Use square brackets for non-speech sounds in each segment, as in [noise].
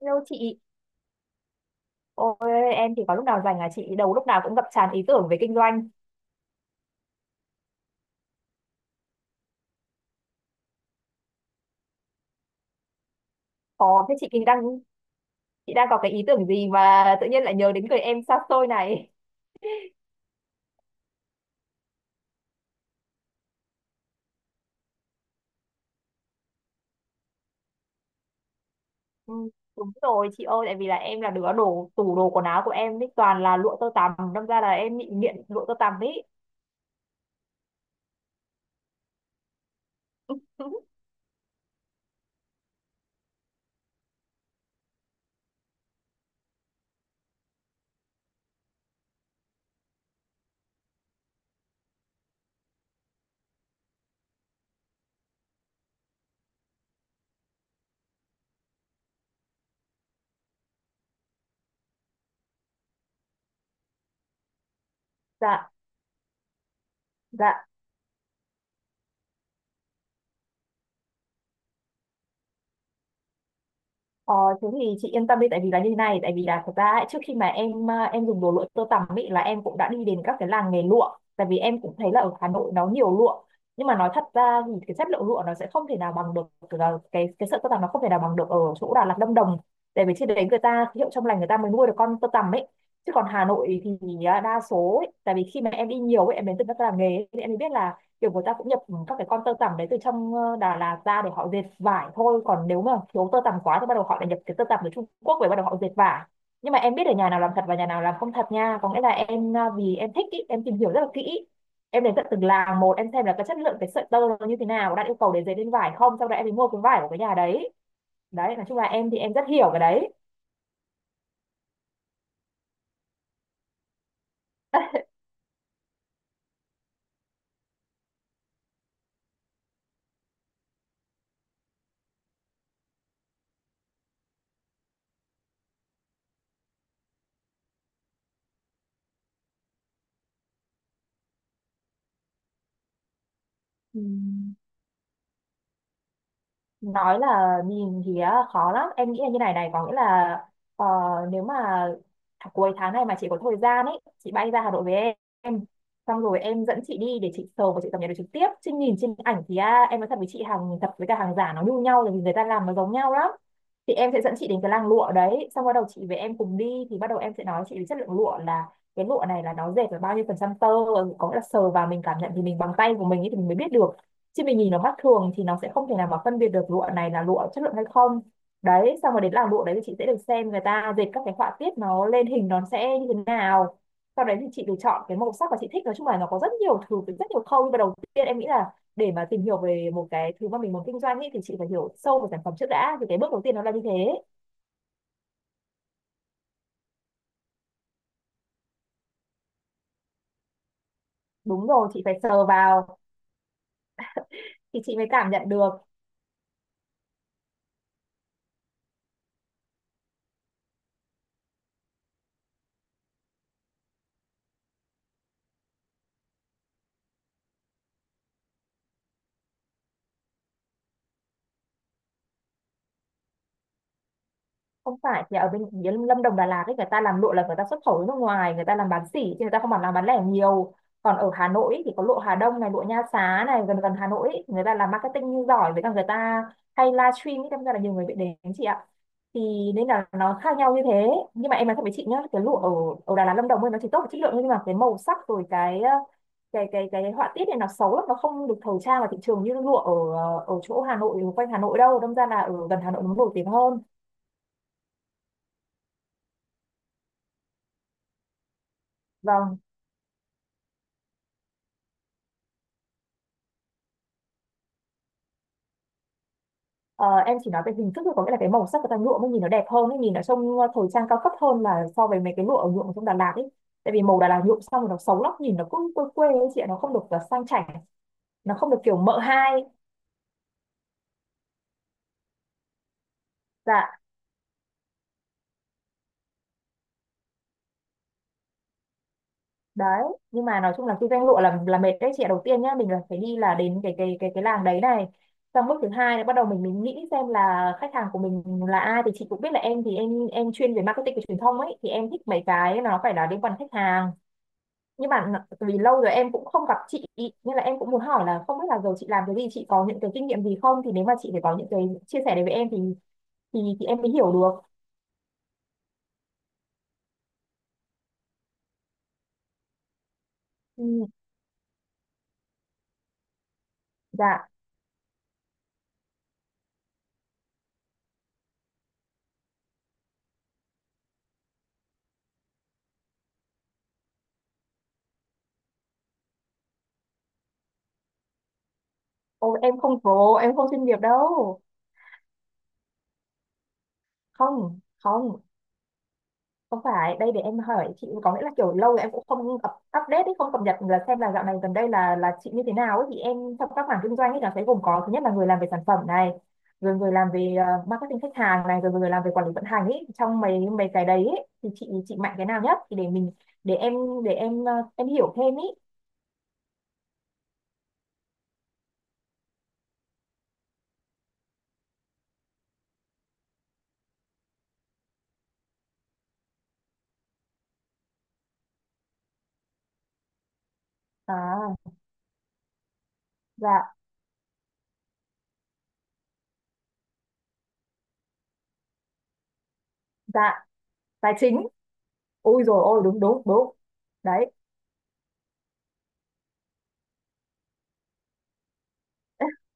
Hello chị, ôi em thì có lúc nào rảnh là chị đầu lúc nào cũng ngập tràn ý tưởng về kinh doanh. Có thế chị kinh đang Chị đang có cái ý tưởng gì mà tự nhiên lại nhớ đến người em xa xôi này. [laughs] Ừ, đúng rồi chị ơi, tại vì là em là đứa đồ tủ đồ quần áo của em ấy toàn là lụa tơ tằm, đâm ra là em bị nghiện lụa tơ tằm ấy. [laughs] Dạ, dạ. Ờ, thế thì chị yên tâm đi, tại vì là như thế này, tại vì là thật ra ấy, trước khi mà em dùng đồ lụa tơ tằm ấy là em cũng đã đi đến các cái làng nghề lụa, tại vì em cũng thấy là ở Hà Nội nó nhiều lụa, nhưng mà nói thật ra thì cái chất lượng lụa nó sẽ không thể nào bằng được cái cái sợi tơ tằm, nó không thể nào bằng được ở chỗ Đà Lạt Lâm Đồng, tại vì trên đấy người ta hiệu trong lành người ta mới nuôi được con tơ tằm ấy. Chứ còn Hà Nội thì đa số ấy, tại vì khi mà em đi nhiều ấy, em đến từ các làng nghề ấy, thì em mới biết là kiểu người ta cũng nhập các cái con tơ tằm đấy từ trong Đà Lạt ra để họ dệt vải thôi, còn nếu mà thiếu tơ tằm quá thì bắt đầu họ lại nhập cái tơ tằm từ Trung Quốc về bắt đầu họ dệt vải. Nhưng mà em biết được nhà nào làm thật và nhà nào làm không thật nha, có nghĩa là em vì em thích ý, em tìm hiểu rất là kỹ, em đến tận từng làng một, em xem là cái chất lượng cái sợi tơ nó như thế nào, đạt yêu cầu để dệt lên vải không, sau đó em mới mua cái vải của cái nhà đấy. Đấy, nói chung là em thì em rất hiểu cái đấy. [laughs] Ừ. Nói là nhìn thì á, khó lắm, em nghĩ là như này này, có nghĩa là ờ, nếu mà cuối tháng này mà chị có thời gian ấy, chị bay ra Hà Nội với em, xong rồi em dẫn chị đi để chị sờ và chị cập nhật được trực tiếp, chứ nhìn trên ảnh thì em nói thật với chị, hàng thật với cả hàng giả nó như nhau là vì người ta làm nó giống nhau lắm. Thì em sẽ dẫn chị đến cái làng lụa đấy, xong bắt đầu chị với em cùng đi thì bắt đầu em sẽ nói chị về chất lượng lụa là cái lụa này là nó dệt là bao nhiêu phần trăm tơ, có nghĩa là sờ vào mình cảm nhận thì mình bằng tay của mình ấy thì mình mới biết được, chứ mình nhìn nó mắt thường thì nó sẽ không thể nào mà phân biệt được lụa này là lụa chất lượng hay không. Đấy, xong rồi đến làng lụa đấy thì chị sẽ được xem người ta dệt các cái họa tiết nó lên hình nó sẽ như thế nào, sau đấy thì chị được chọn cái màu sắc mà chị thích. Nói chung là nó có rất nhiều thứ, rất nhiều khâu, nhưng mà đầu tiên em nghĩ là để mà tìm hiểu về một cái thứ mà mình muốn kinh doanh ấy, thì chị phải hiểu sâu về sản phẩm trước đã, thì cái bước đầu tiên nó là như thế. Đúng rồi, chị phải sờ vào thì chị mới cảm nhận được. Không phải, thì ở bên phía Lâm Đồng Đà Lạt ấy người ta làm lụa là người ta xuất khẩu đến nước ngoài, người ta làm bán sỉ chứ người ta không làm bán lẻ nhiều. Còn ở Hà Nội ấy, thì có lụa Hà Đông này, lụa Nha Xá này, gần gần Hà Nội ấy, người ta làm marketing giỏi với cả người ta hay livestream ấy, đâm ra là nhiều người bị đến chị ạ, thì nên là nó khác nhau như thế. Nhưng mà em nói thật với chị nhá, cái lụa ở ở Đà Lạt Lâm Đồng ấy nó chỉ tốt về chất lượng thôi, nhưng mà cái màu sắc rồi cái cái họa tiết này nó xấu lắm, nó không được thời trang vào thị trường như lụa ở ở chỗ Hà Nội quanh Hà Nội đâu, đâm ra là ở gần Hà Nội nó nổi tiếng hơn. Vâng. Ờ, em chỉ nói về hình thức thôi, có nghĩa là cái màu sắc của ta lụa mới nhìn nó đẹp hơn ấy, nhìn nó trông thời trang cao cấp hơn là so với mấy cái lụa ở nhuộm ở trong Đà Lạt ấy. Tại vì màu Đà Lạt nhuộm xong rồi nó xấu lắm, nhìn nó cứ quê quê ấy chị ạ, nó không được sang chảnh, nó không được kiểu mợ hai. Dạ, đấy. Nhưng mà nói chung là kinh doanh lụa là mệt đấy chị ạ. Đầu tiên nhá, mình là phải đi là đến cái làng đấy này. Xong bước thứ hai là bắt đầu mình nghĩ xem là khách hàng của mình là ai, thì chị cũng biết là em thì em chuyên về marketing và truyền thông ấy, thì em thích mấy cái nó phải là liên quan đến khách hàng. Nhưng mà vì lâu rồi em cũng không gặp chị ý, nên là em cũng muốn hỏi là không biết là giờ chị làm cái gì, chị có những cái kinh nghiệm gì không, thì nếu mà chị phải có những cái chia sẻ đấy với em thì thì em mới hiểu được. Ừ, dạ. Ô, em không pro, em không chuyên nghiệp đâu. Không, không, không phải, đây để em hỏi chị có nghĩa là kiểu lâu rồi em cũng không up, update ấy, không cập nhật là xem là dạo này gần đây là chị như thế nào ấy, thì em trong các mảng kinh doanh ấy nó sẽ gồm có thứ nhất là người làm về sản phẩm này, rồi người làm về marketing khách hàng này, rồi người làm về quản lý vận hành ấy, trong mấy mấy cái đấy ấy, thì chị mạnh cái nào nhất thì để mình để em để em hiểu thêm ý. À, dạ. Dạ, tài chính. Ôi rồi ôi, đúng đúng đúng. Đấy. [laughs]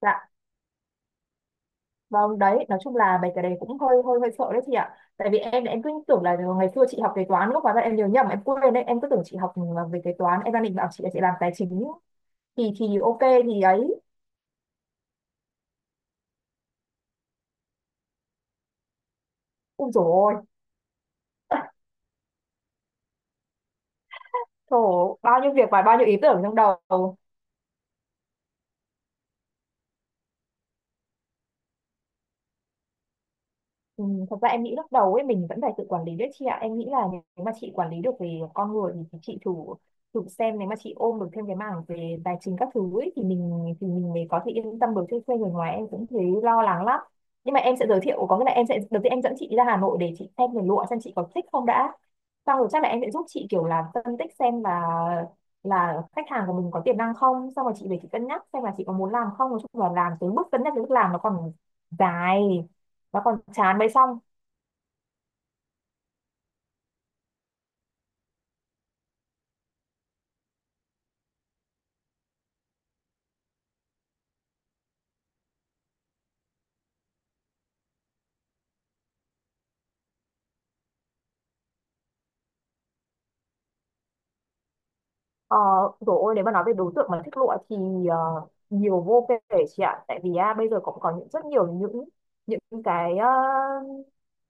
Dạ. Vâng đấy, nói chung là mấy cái đấy cũng hơi hơi hơi sợ đấy chị ạ. Tại vì em cứ tưởng là ngày xưa chị học kế toán lúc hóa ra em nhớ nhầm em quên đấy, em cứ tưởng chị học ừ, về kế toán, em đang định bảo chị là chị làm tài chính thì ok thì ấy. Ui dồi ôi, [laughs] trời ơi, bao nhiêu việc và bao nhiêu ý tưởng trong đầu. Ừ, thật ra em nghĩ lúc đầu ấy mình vẫn phải tự quản lý đấy chị ạ, em nghĩ là nếu mà chị quản lý được về con người thì chị thử thử xem nếu mà chị ôm được thêm cái mảng về tài chính các thứ ấy, thì mình mới có thể yên tâm được, chứ thuê người ngoài em cũng thấy lo lắng lắm. Nhưng mà em sẽ giới thiệu, có nghĩa là em sẽ đầu tiên em dẫn chị ra Hà Nội để chị xem về lụa, xem chị có thích không đã, xong rồi chắc là em sẽ giúp chị kiểu là phân tích xem là khách hàng của mình có tiềm năng không, xong rồi chị về chị cân nhắc xem là chị có muốn làm không. Nói chung là làm tới bước cân nhắc đến bước làm nó còn dài, nó còn chán mới xong. ờ Rồi ôi, nếu mà nói về đối tượng mà thích lụa thì ờ, nhiều vô kể chị ạ, tại vì bây giờ cũng có những rất nhiều những những cái ờ,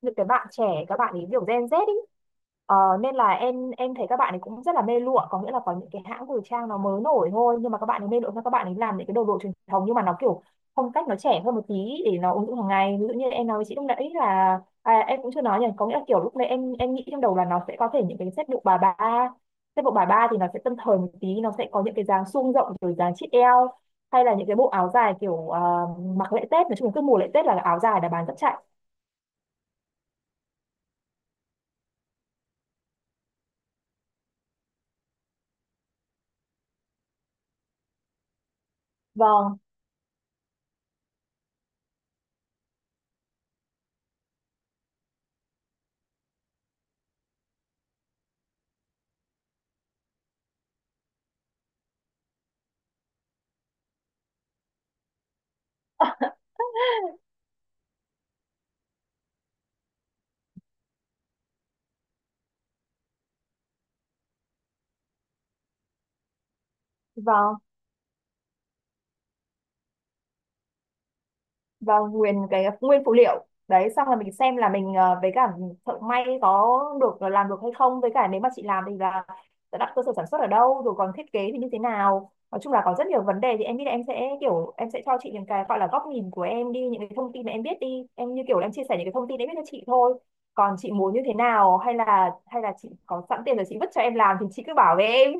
những cái bạn trẻ, các bạn ấy kiểu Gen Z ý. Ờ, nên là em thấy các bạn ấy cũng rất là mê lụa, có nghĩa là có những cái hãng thời trang nó mới nổi thôi, nhưng mà các bạn ấy mê lụa cho các bạn ấy làm những cái đồ lụa truyền thống nhưng mà nó kiểu phong cách nó trẻ hơn một tí để nó ứng dụng hàng ngày. Ví dụ như em nói với chị lúc nãy là em cũng chưa nói nhỉ, có nghĩa là kiểu lúc nãy em nghĩ trong đầu là nó sẽ có thể những cái set lụa bà ba. Thế bộ bài ba thì nó sẽ tân thời một tí, nó sẽ có những cái dáng suông rộng rồi dáng chít eo, hay là những cái bộ áo dài kiểu mặc lễ Tết, nói chung là cứ mùa lễ Tết là áo dài đã bán rất chạy. Vâng, vâng. Và nguyên cái nguyên phụ liệu đấy xong là mình xem là mình với cả thợ may có được làm được hay không, với cả nếu mà chị làm thì là sẽ đặt cơ sở sản xuất ở đâu, rồi còn thiết kế thì như thế nào. Nói chung là có rất nhiều vấn đề, thì em nghĩ là em sẽ kiểu em sẽ cho chị những cái gọi là góc nhìn của em đi, những cái thông tin mà em biết đi, em như kiểu là em chia sẻ những cái thông tin em biết cho chị thôi, còn chị muốn như thế nào, hay là chị có sẵn tiền rồi chị vứt cho em làm thì chị cứ bảo với em.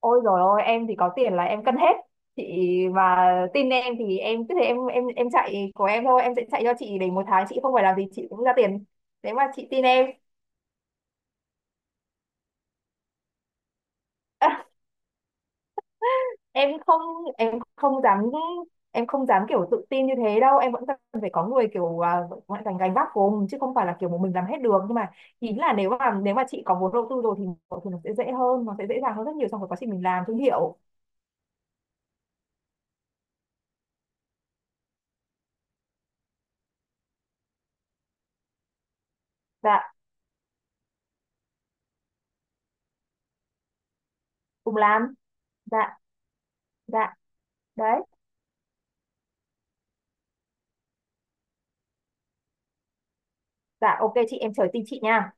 Ôi rồi ôi, em thì có tiền là em cân hết chị, mà tin em thì em cứ thế em chạy của em thôi, em sẽ chạy cho chị để một tháng chị không phải làm gì chị cũng ra tiền, nếu mà chị tin em. [laughs] em không em không dám em không dám kiểu tự tin như thế đâu, em vẫn cần phải có người kiểu vẫn gánh gánh vác cùng chứ không phải là kiểu một mình làm hết được. Nhưng mà ý là nếu mà chị có vốn đầu tư rồi thì nó sẽ dễ hơn, nó sẽ dễ dàng hơn rất nhiều trong cái quá trình mình làm thương hiệu. Dạ, cùng làm. Dạ, dạ, đấy. Dạ, ok chị, em chờ tin chị nha.